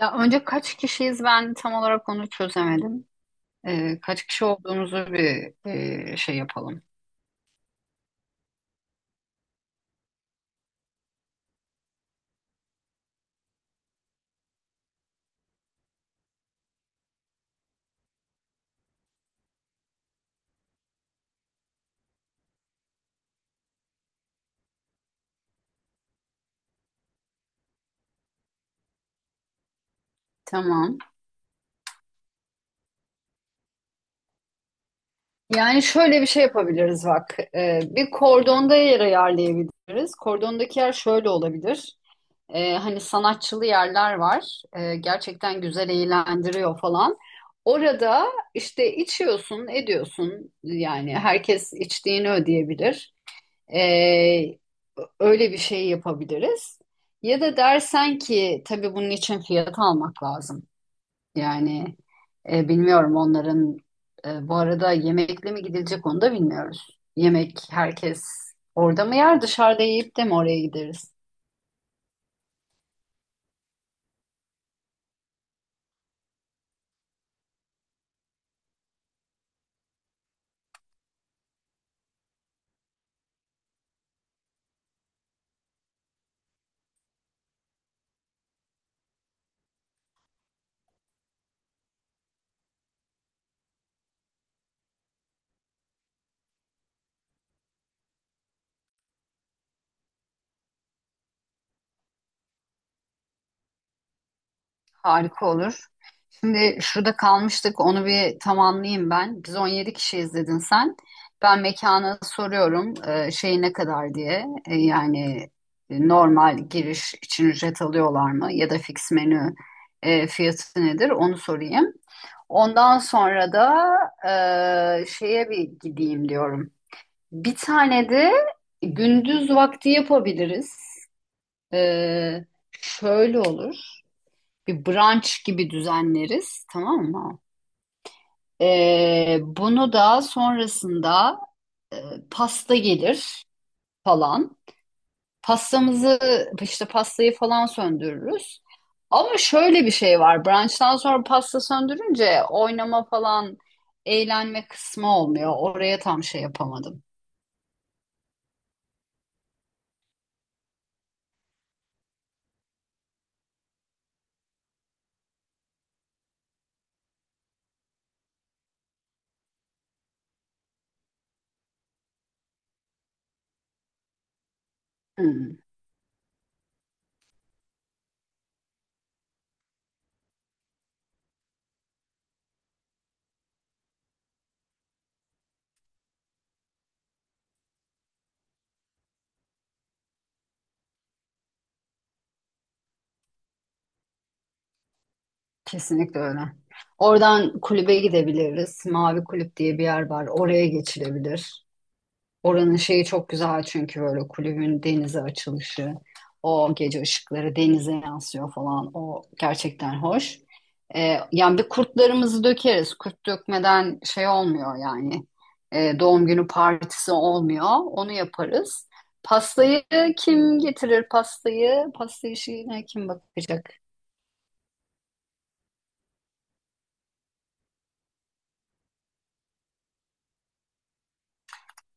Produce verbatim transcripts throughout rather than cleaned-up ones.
Ya önce kaç kişiyiz ben tam olarak onu çözemedim. Ee, kaç kişi olduğumuzu bir e, şey yapalım. Tamam. Yani şöyle bir şey yapabiliriz bak. Ee, bir kordonda yer ayarlayabiliriz. Kordondaki yer şöyle olabilir. Ee, hani sanatçılı yerler var. Ee, gerçekten güzel eğlendiriyor falan. Orada işte içiyorsun, ediyorsun. Yani herkes içtiğini ödeyebilir. Ee, Öyle bir şey yapabiliriz. Ya da dersen ki tabii bunun için fiyat almak lazım. Yani e, bilmiyorum onların e, bu arada yemekle mi gidilecek onu da bilmiyoruz. Yemek herkes orada mı yer dışarıda yiyip de mi oraya gideriz? Harika olur. Şimdi şurada kalmıştık onu bir tamamlayayım ben. Biz on yedi kişi izledin sen. Ben mekana soruyorum, e, şey ne kadar diye. E, yani e, normal giriş için ücret alıyorlar mı ya da fix menü e, fiyatı nedir onu sorayım. Ondan sonra da e, şeye bir gideyim diyorum. Bir tane de gündüz vakti yapabiliriz. E, şöyle olur. Bir brunch gibi düzenleriz, tamam mı? Ee, bunu da sonrasında e, pasta gelir falan. Pastamızı işte pastayı falan söndürürüz. Ama şöyle bir şey var. Brunch'tan sonra pasta söndürünce oynama falan eğlenme kısmı olmuyor. Oraya tam şey yapamadım. Hmm, kesinlikle öyle. Oradan kulübe gidebiliriz. Mavi Kulüp diye bir yer var. Oraya geçilebilir. Oranın şeyi çok güzel çünkü böyle kulübün denize açılışı, o gece ışıkları denize yansıyor falan. O gerçekten hoş. Ee, yani bir kurtlarımızı dökeriz. Kurt dökmeden şey olmuyor yani. Ee, doğum günü partisi olmuyor. Onu yaparız. Pastayı kim getirir pastayı? Pasta işine kim bakacak?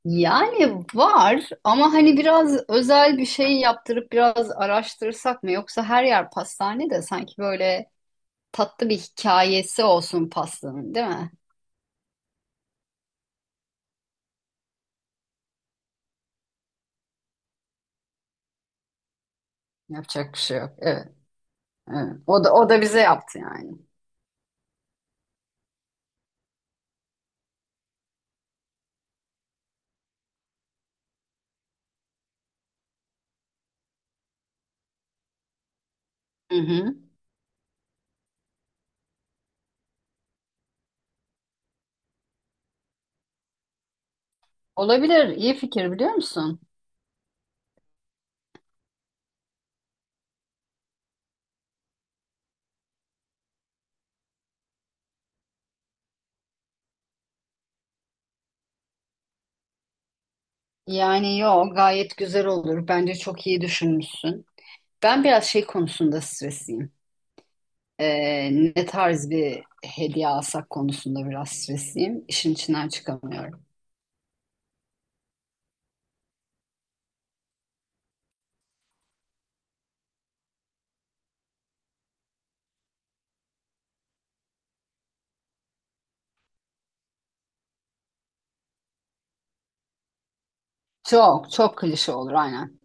Yani var ama hani biraz özel bir şey yaptırıp biraz araştırsak mı? Yoksa her yer pastane de sanki böyle tatlı bir hikayesi olsun pastanın, değil mi? Yapacak bir şey yok. Evet, evet. O da o da bize yaptı yani. Hı hı. Olabilir. İyi fikir biliyor musun? Yani yo gayet güzel olur. Bence çok iyi düşünmüşsün. Ben biraz şey konusunda stresliyim. Ee, Ne tarz bir hediye alsak konusunda biraz stresliyim. İşin içinden çıkamıyorum. Çok çok klişe olur aynen.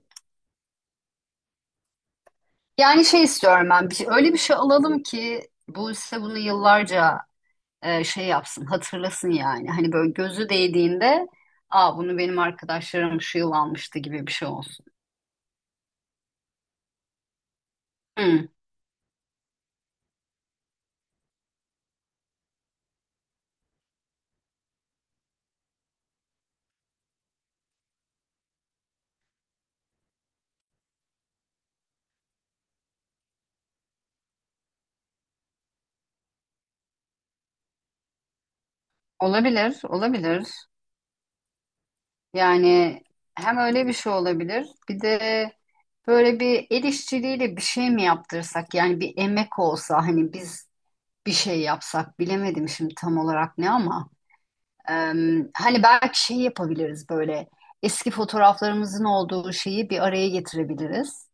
Yani şey istiyorum ben. Bir, şey, öyle bir şey alalım ki bu ise bunu yıllarca e, şey yapsın, hatırlasın yani. Hani böyle gözü değdiğinde, aa bunu benim arkadaşlarım şu yıl almıştı gibi bir şey olsun. Hı, olabilir, olabilir. Yani hem öyle bir şey olabilir, bir de böyle bir el işçiliğiyle bir şey mi yaptırsak? Yani bir emek olsa hani biz bir şey yapsak, bilemedim şimdi tam olarak ne ama. e, Hani belki şey yapabiliriz böyle. Eski fotoğraflarımızın olduğu şeyi bir araya getirebiliriz.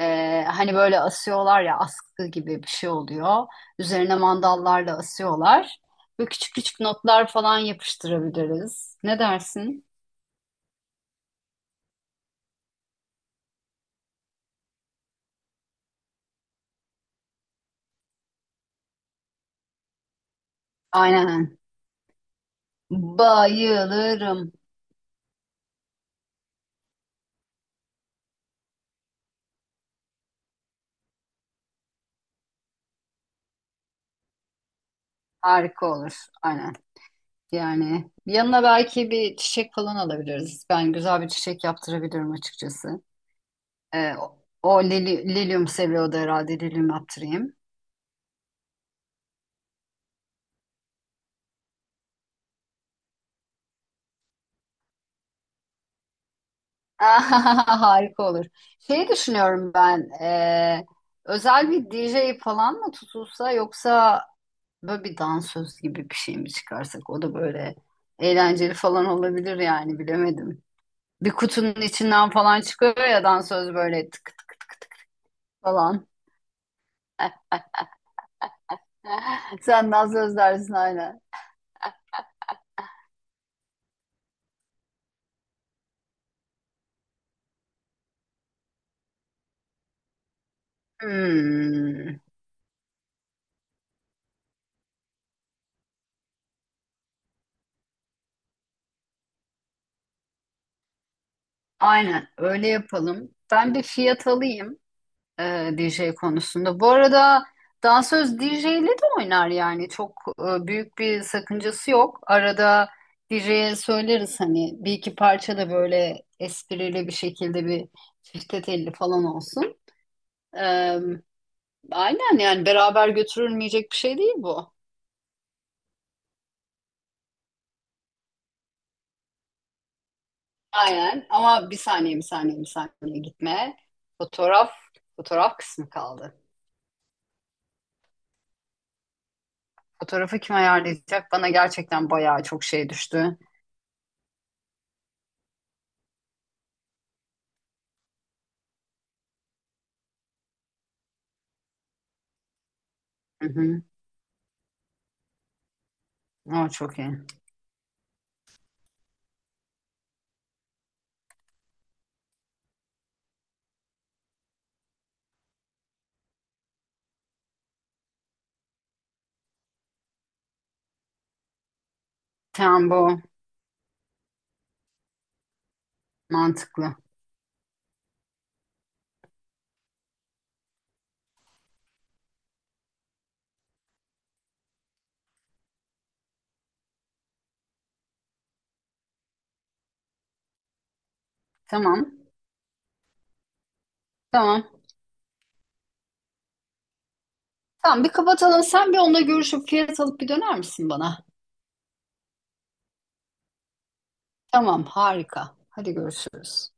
Ee, hani böyle asıyorlar ya askı gibi bir şey oluyor. Üzerine mandallarla asıyorlar. Böyle küçük küçük notlar falan yapıştırabiliriz. Ne dersin? Aynen. Bayılırım. Harika olur. Aynen. Yani yanına belki bir çiçek falan alabiliriz. Ben güzel bir çiçek yaptırabilirim açıkçası. Ee, o o lili- lilyum seviyordu herhalde. Lilyum yaptırayım. Harika olur. Şeyi düşünüyorum ben. E, özel bir D J falan mı tutulsa yoksa böyle bir dansöz gibi bir şey mi çıkarsak? O da böyle eğlenceli falan olabilir yani bilemedim. Bir kutunun içinden falan çıkıyor ya dansöz böyle tık tık tık tık falan. Sen dansöz dersin aynen. Hmm, aynen öyle yapalım. Ben bir fiyat alayım e, D J konusunda. Bu arada dansöz D J'li de oynar yani çok e, büyük bir sakıncası yok. Arada D J'ye söyleriz hani bir iki parça da böyle esprili bir şekilde bir çifte telli falan olsun. E, aynen yani beraber götürülmeyecek bir şey değil bu. Aynen ama bir saniye bir saniye bir saniye gitme. Fotoğraf Fotoğraf kısmı kaldı. Fotoğrafı kim ayarlayacak? Bana gerçekten bayağı çok şey düştü. Hı hı. O çok iyi. Tamam bu mantıklı. Tamam. Tamam. Tamam bir kapatalım. Sen bir onunla görüşüp fiyat alıp bir döner misin bana? Tamam harika. Hadi görüşürüz.